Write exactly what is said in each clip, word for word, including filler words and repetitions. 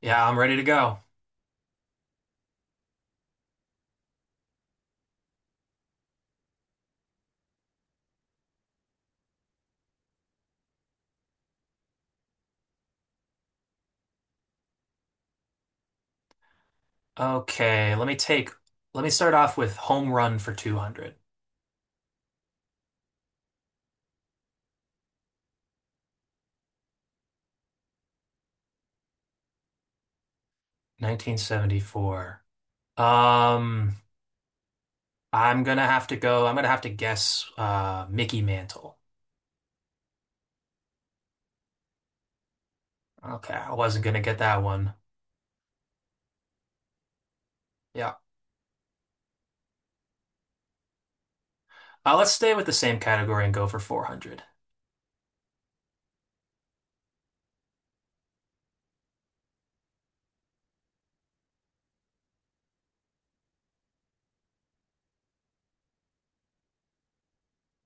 Yeah, I'm ready to go. Okay, let me take, let me start off with Home Run for two hundred, nineteen seventy four. Um, I'm gonna have to go, I'm gonna have to guess uh Mickey Mantle. Okay, I wasn't gonna get that one. Yeah. Uh, let's stay with the same category and go for four hundred.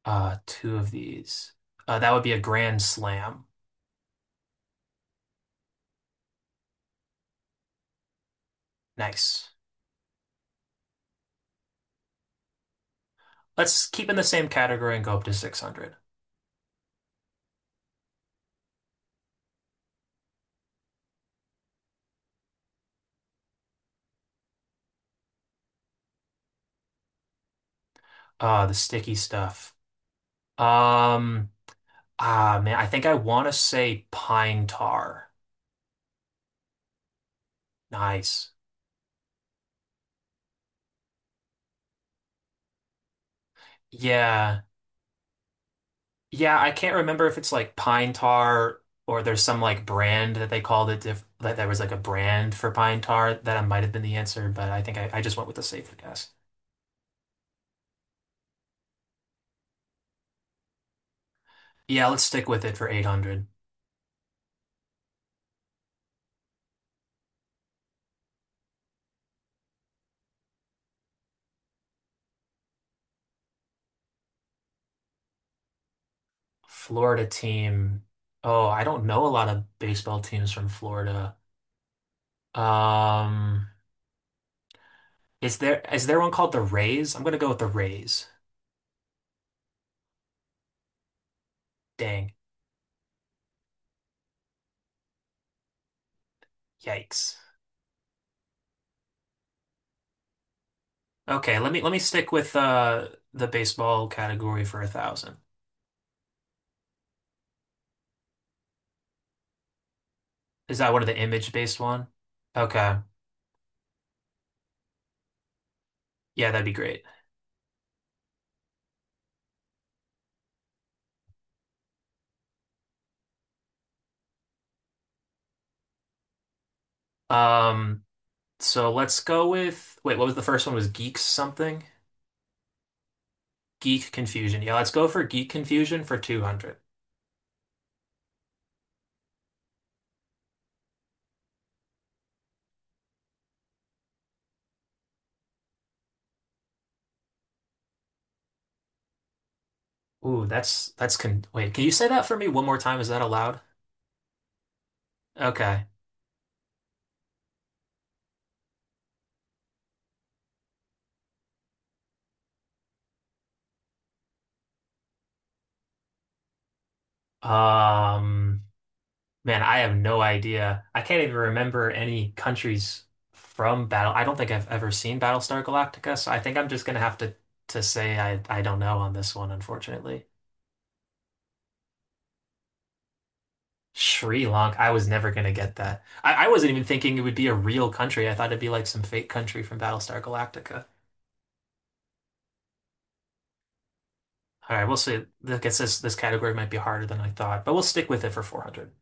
Uh, two of these. Uh, that would be a grand slam. Nice. Let's keep in the same category and go up to six hundred. Uh, the sticky stuff. Um, Ah, man, I think I want to say pine tar. Nice. Yeah. Yeah, I can't remember if it's like pine tar or there's some like brand that they called it diff that there was like a brand for pine tar that might have been the answer, but I think I, I just went with the safer guess. Yeah, let's stick with it for eight hundred. Florida team. Oh, I don't know a lot of baseball teams from Florida. Um, is there is there one called the Rays? I'm gonna go with the Rays. Dang. Yikes. Okay, let me let me stick with uh the baseball category for a thousand. Is that one of the image-based one? Okay. Yeah, that'd be great. Um, so let's go with wait, what was the first one? Was geeks something? Geek confusion. Yeah, let's go for geek confusion for two hundred. Ooh, that's that's con wait, can you say that for me one more time? Is that allowed? Okay. Um, Man, I have no idea. I can't even remember any countries from Battle. I don't think I've ever seen Battlestar Galactica, so I think I'm just gonna have to to say I I don't know on this one, unfortunately. Sri Lanka, I was never gonna get that. I, I wasn't even thinking it would be a real country. I thought it'd be like some fake country from Battlestar Galactica. All right, we'll see. I guess this this category might be harder than I thought, but we'll stick with it for four hundred.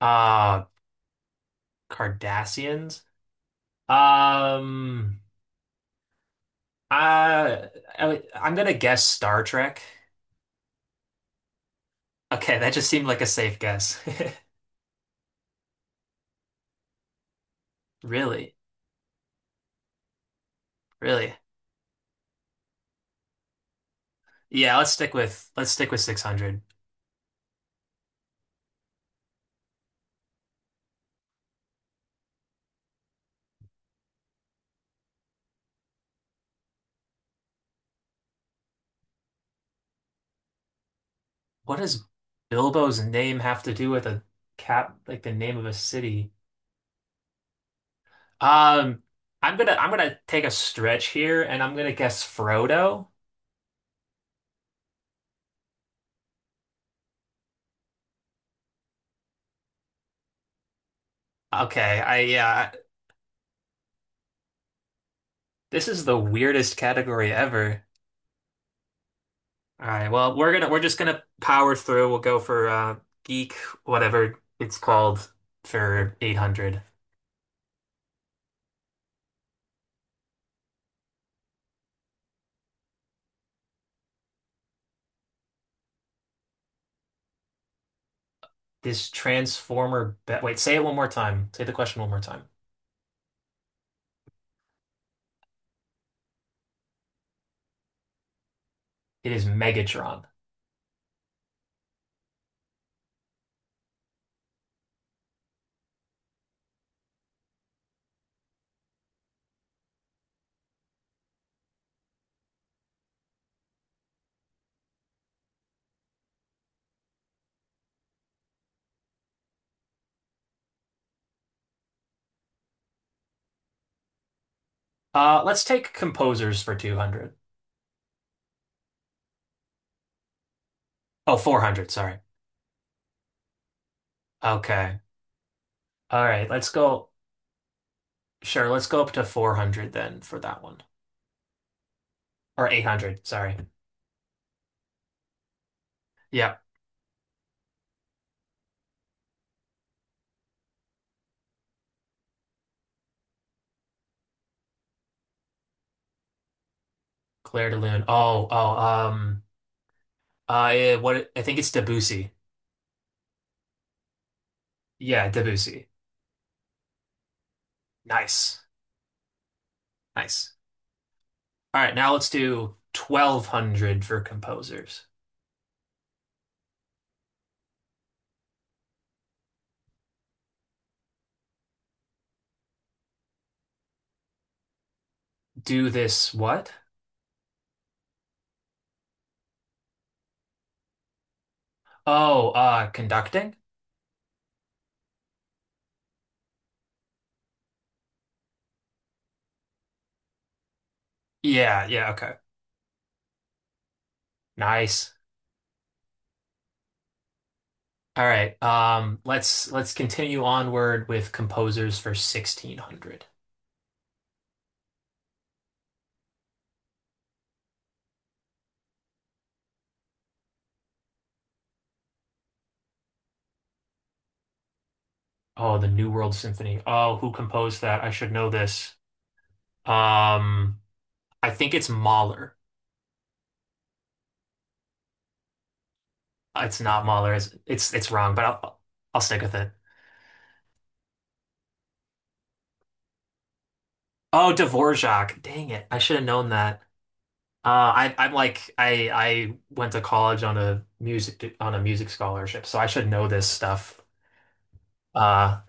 Uh, Cardassians. Um, I, I I'm gonna guess Star Trek. Okay, that just seemed like a safe guess. Really, really. Yeah, let's stick with let's stick with six hundred. What does Bilbo's name have to do with a cap, like the name of a city? Um, I'm gonna I'm gonna take a stretch here and I'm gonna guess Frodo. Okay, I yeah, I- this is the weirdest category ever. All right, well, we're gonna we're just gonna power through. We'll go for uh geek, whatever it's called, for eight hundred. This Transformer be- Wait, say it one more time. Say the question one more time. It is Megatron. Uh, let's take composers for two hundred. Oh, four hundred, sorry. Okay. All right, let's go. Sure, let's go up to four hundred then for that one. Or eight hundred, sorry. Yeah, Claire de Lune. Oh, oh, um, uh, eh, what, I think it's Debussy. Yeah, Debussy. Nice, nice. All right, now let's do twelve hundred for composers. Do this what? Oh, uh, conducting? Yeah, yeah, okay. Nice. All right. Um, let's let's continue onward with composers for sixteen hundred. Oh, the New World Symphony. Oh, who composed that? I should know this. Um, I think it's Mahler. It's not Mahler. It's it's, it's wrong, but I'll I'll stick with it. Oh, Dvorak. Dang it. I should have known that. Uh, I I'm like I I went to college on a music on a music scholarship, so I should know this stuff. Uh.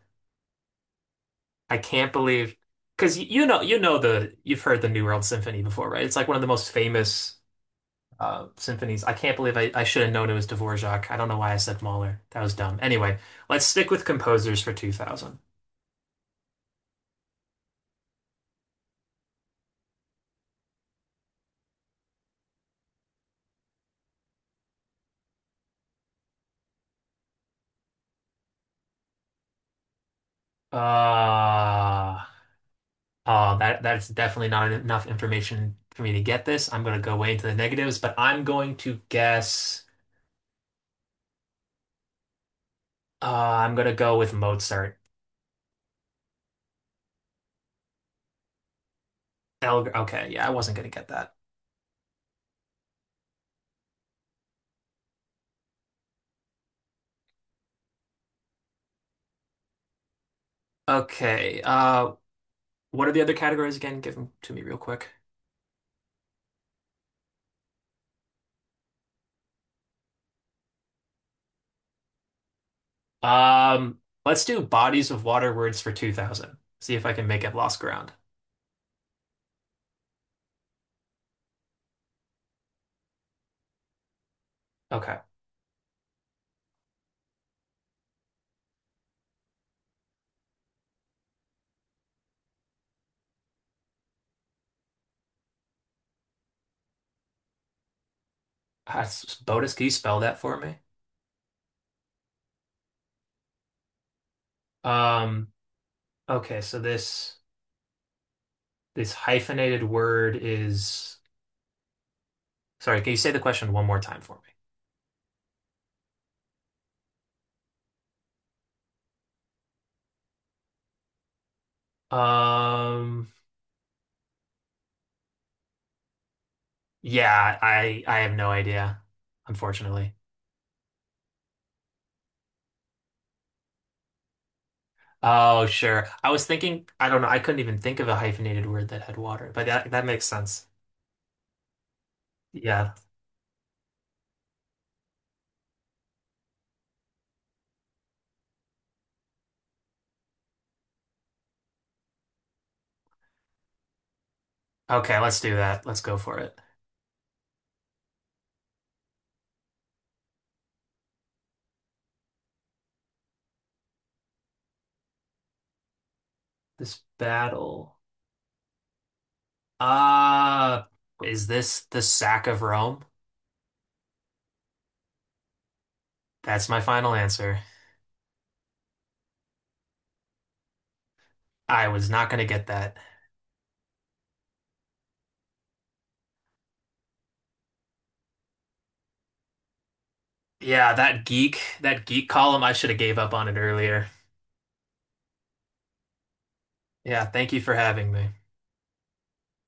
I can't believe because you know you know the you've heard the New World Symphony before, right? It's like one of the most famous uh, symphonies. I can't believe I, I should have known it was Dvorak. I don't know why I said Mahler. That was dumb. Anyway, let's stick with composers for two thousand. Uh, oh, that that's definitely not enough information for me to get this. I'm gonna go way into the negatives, but I'm going to guess. Uh, I'm gonna go with Mozart. El Okay, yeah, I wasn't gonna get that. Okay. Uh, what are the other categories again? Give them to me real quick. Um, let's do bodies of water words for two thousand. See if I can make it lost ground. Okay. Ah, Botus, can you spell that for me? Um, okay, so this this hyphenated word is sorry, can you say the question one more time for me? Um, yeah, I I have no idea, unfortunately. Oh, sure. I was thinking, I don't know, I couldn't even think of a hyphenated word that had water, but that that makes sense. Yeah. Okay, let's do that. Let's go for it. This battle. Uh, is this the sack of Rome? That's my final answer. I was not gonna get that. Yeah, that geek, that geek column, I should have gave up on it earlier. Yeah, thank you for having me.